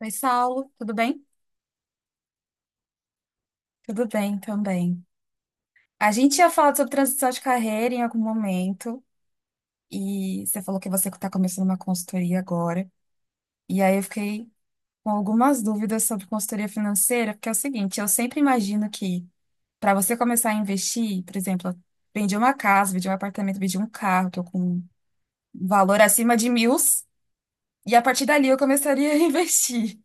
Oi, Saulo, tudo bem? Tudo bem também. A gente tinha falado sobre transição de carreira em algum momento, e você falou que você está começando uma consultoria agora. E aí eu fiquei com algumas dúvidas sobre consultoria financeira, porque é o seguinte, eu sempre imagino que para você começar a investir, por exemplo, eu vendi uma casa, vendi um apartamento, vendi um carro, estou com um valor acima de mil, e a partir dali eu começaria a investir.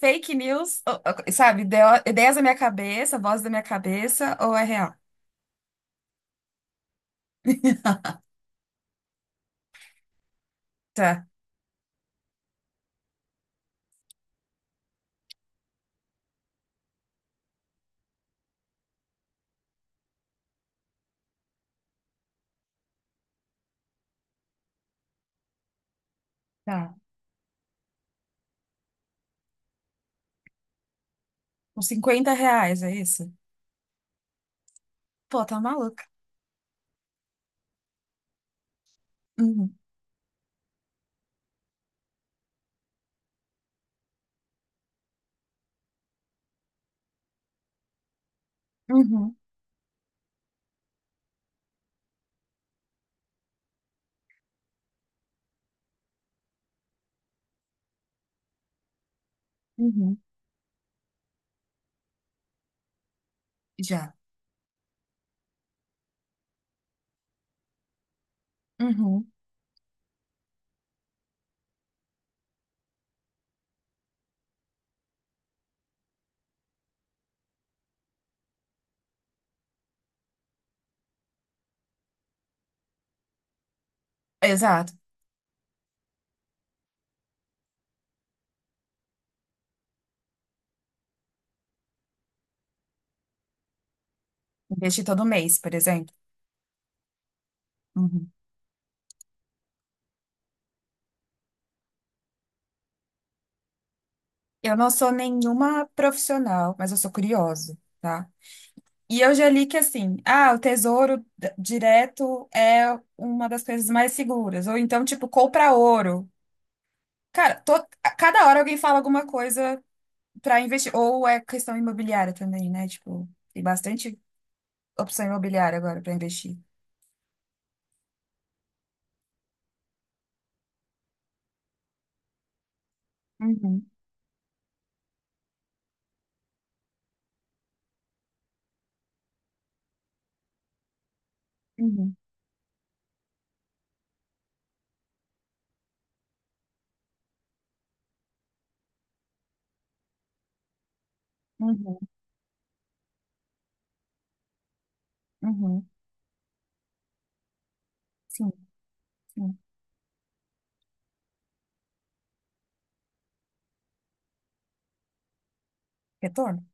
Fake news, sabe, ideias da minha cabeça, voz da minha cabeça, ou é real? Tá. Uns 50 reais, é isso? Pô, tá maluca. Uhum, uhum, uhum. Já. Uhum. Exato. Investir todo mês, por exemplo. Uhum. Eu não sou nenhuma profissional, mas eu sou curiosa, tá? E eu já li que assim, ah, o tesouro direto é uma das coisas mais seguras. Ou então, tipo, compra ouro. Cara, a cada hora alguém fala alguma coisa pra investir. Ou é questão imobiliária também, né? Tipo, tem bastante opção imobiliária agora pra investir. Uhum, uhum, uhum. Sim, sim. Retorno.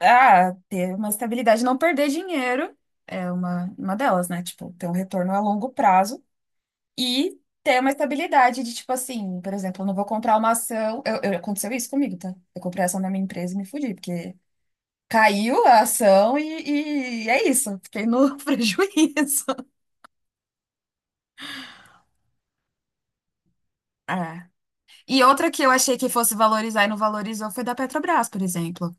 Ah, ter uma estabilidade, não perder dinheiro é uma delas, né? Tipo, ter um retorno a longo prazo e ter uma estabilidade de, tipo assim, por exemplo, eu não vou comprar uma ação. Aconteceu isso comigo, tá? Eu comprei a ação da minha empresa e me fudi, porque caiu a ação e é isso. Fiquei no prejuízo. Ah. E outra que eu achei que fosse valorizar e não valorizou foi da Petrobras, por exemplo.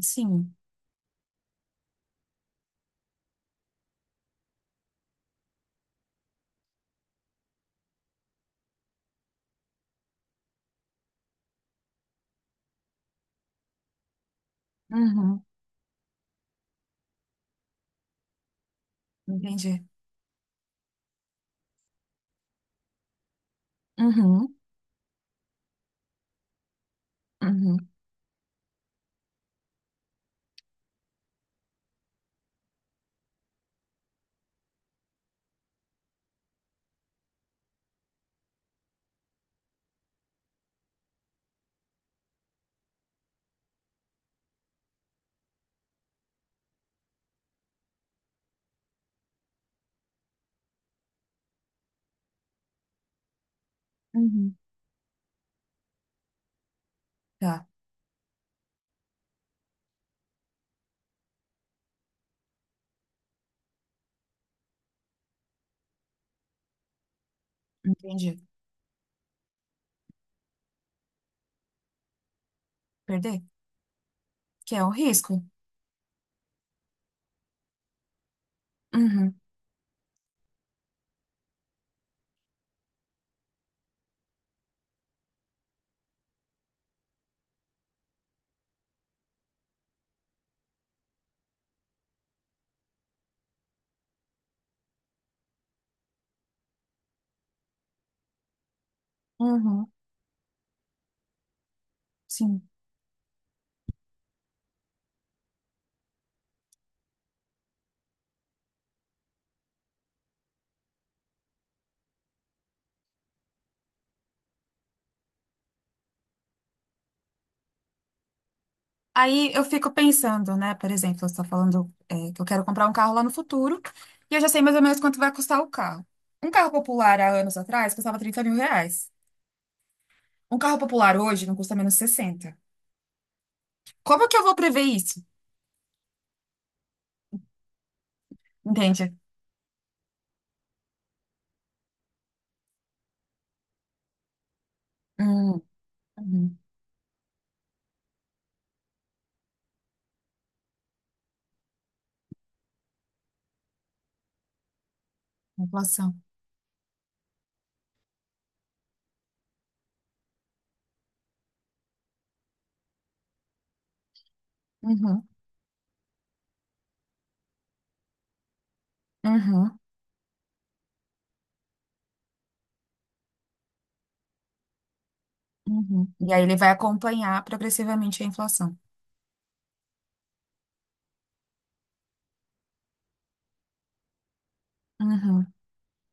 Sim. Uhum. Entendi. Uhum. Uhum, uhum. Tá, entendi. Perder? Que é um risco. Uhum, uhum, sim. Aí eu fico pensando, né? Por exemplo, você está falando é, que eu quero comprar um carro lá no futuro e eu já sei mais ou menos quanto vai custar o carro. Um carro popular há anos atrás custava 30 mil reais. Um carro popular hoje não custa menos sessenta. Como que eu vou prever isso? Entende? Hum, uhum, inflação. Uhum, uhum, uhum. E aí ele vai acompanhar progressivamente a inflação. Uhum,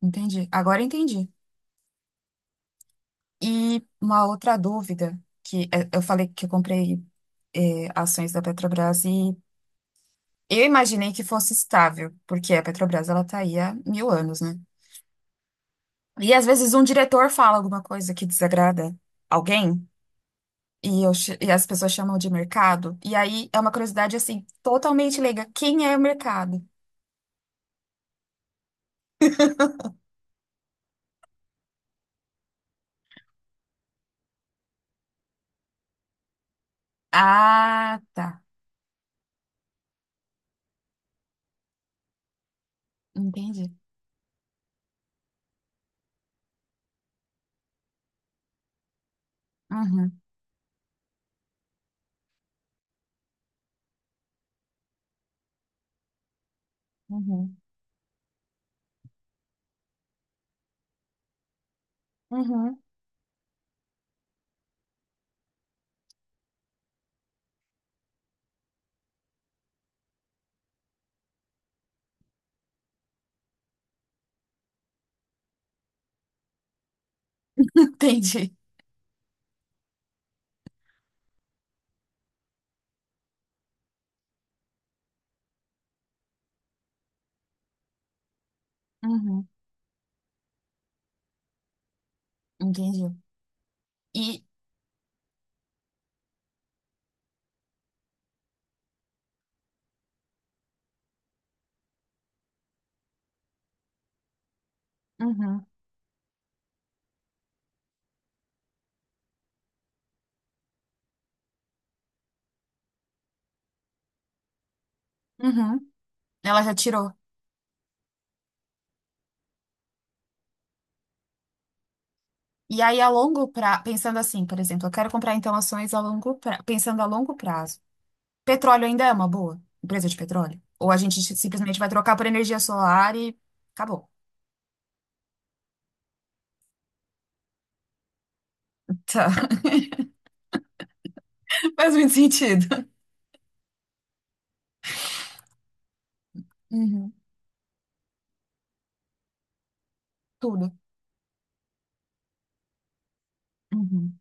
entendi. Agora entendi. E uma outra dúvida, que é, eu falei que eu comprei é, ações da Petrobras e eu imaginei que fosse estável, porque a Petrobras ela tá aí há mil anos, né? E às vezes um diretor fala alguma coisa que desagrada alguém e, e as pessoas chamam de mercado. E aí é uma curiosidade assim, totalmente leiga. Quem é o mercado? Ah, tá. Entendi. Uhum, uhum, uhum. Entendi. Uhum, entendi. E. Uhum, uhum. Ela já tirou. E aí, a longo prazo, pensando assim, por exemplo, eu quero comprar então ações a longo pra... pensando a longo prazo. Petróleo ainda é uma boa empresa de petróleo? Ou a gente simplesmente vai trocar por energia solar e acabou. Tá. Faz muito sentido. Uhum. Tudo. Uhum.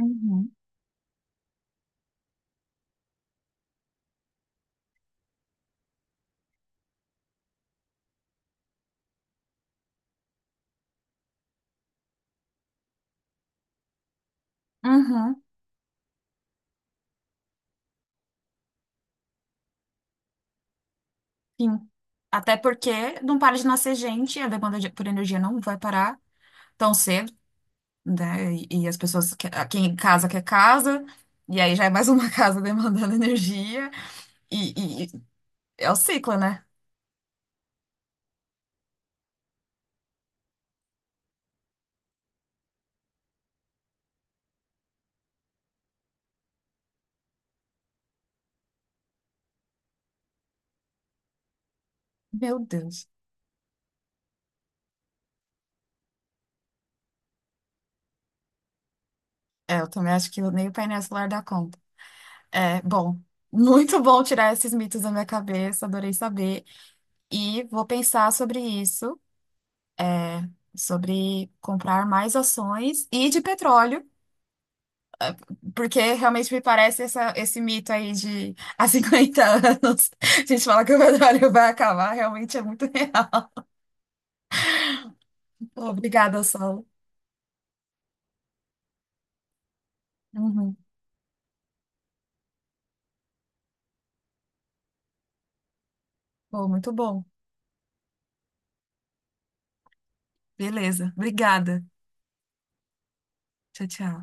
Uhum. Uhum. Sim. Até porque não para de nascer gente, a por energia não vai parar tão cedo, né? E as pessoas, quem casa quer casa, e aí já é mais uma casa demandando energia. E, é o ciclo, né? Meu Deus. É, eu também acho que nem o painel solar dá conta. É, bom, muito bom tirar esses mitos da minha cabeça, adorei saber. E vou pensar sobre isso, sobre comprar mais ações e de petróleo, porque realmente me parece esse mito aí de há 50 anos. A gente fala que o petróleo vai acabar, realmente é muito real. Obrigada, Saulo. Uhum. Pô, muito bom. Beleza. Obrigada. Tchau, tchau.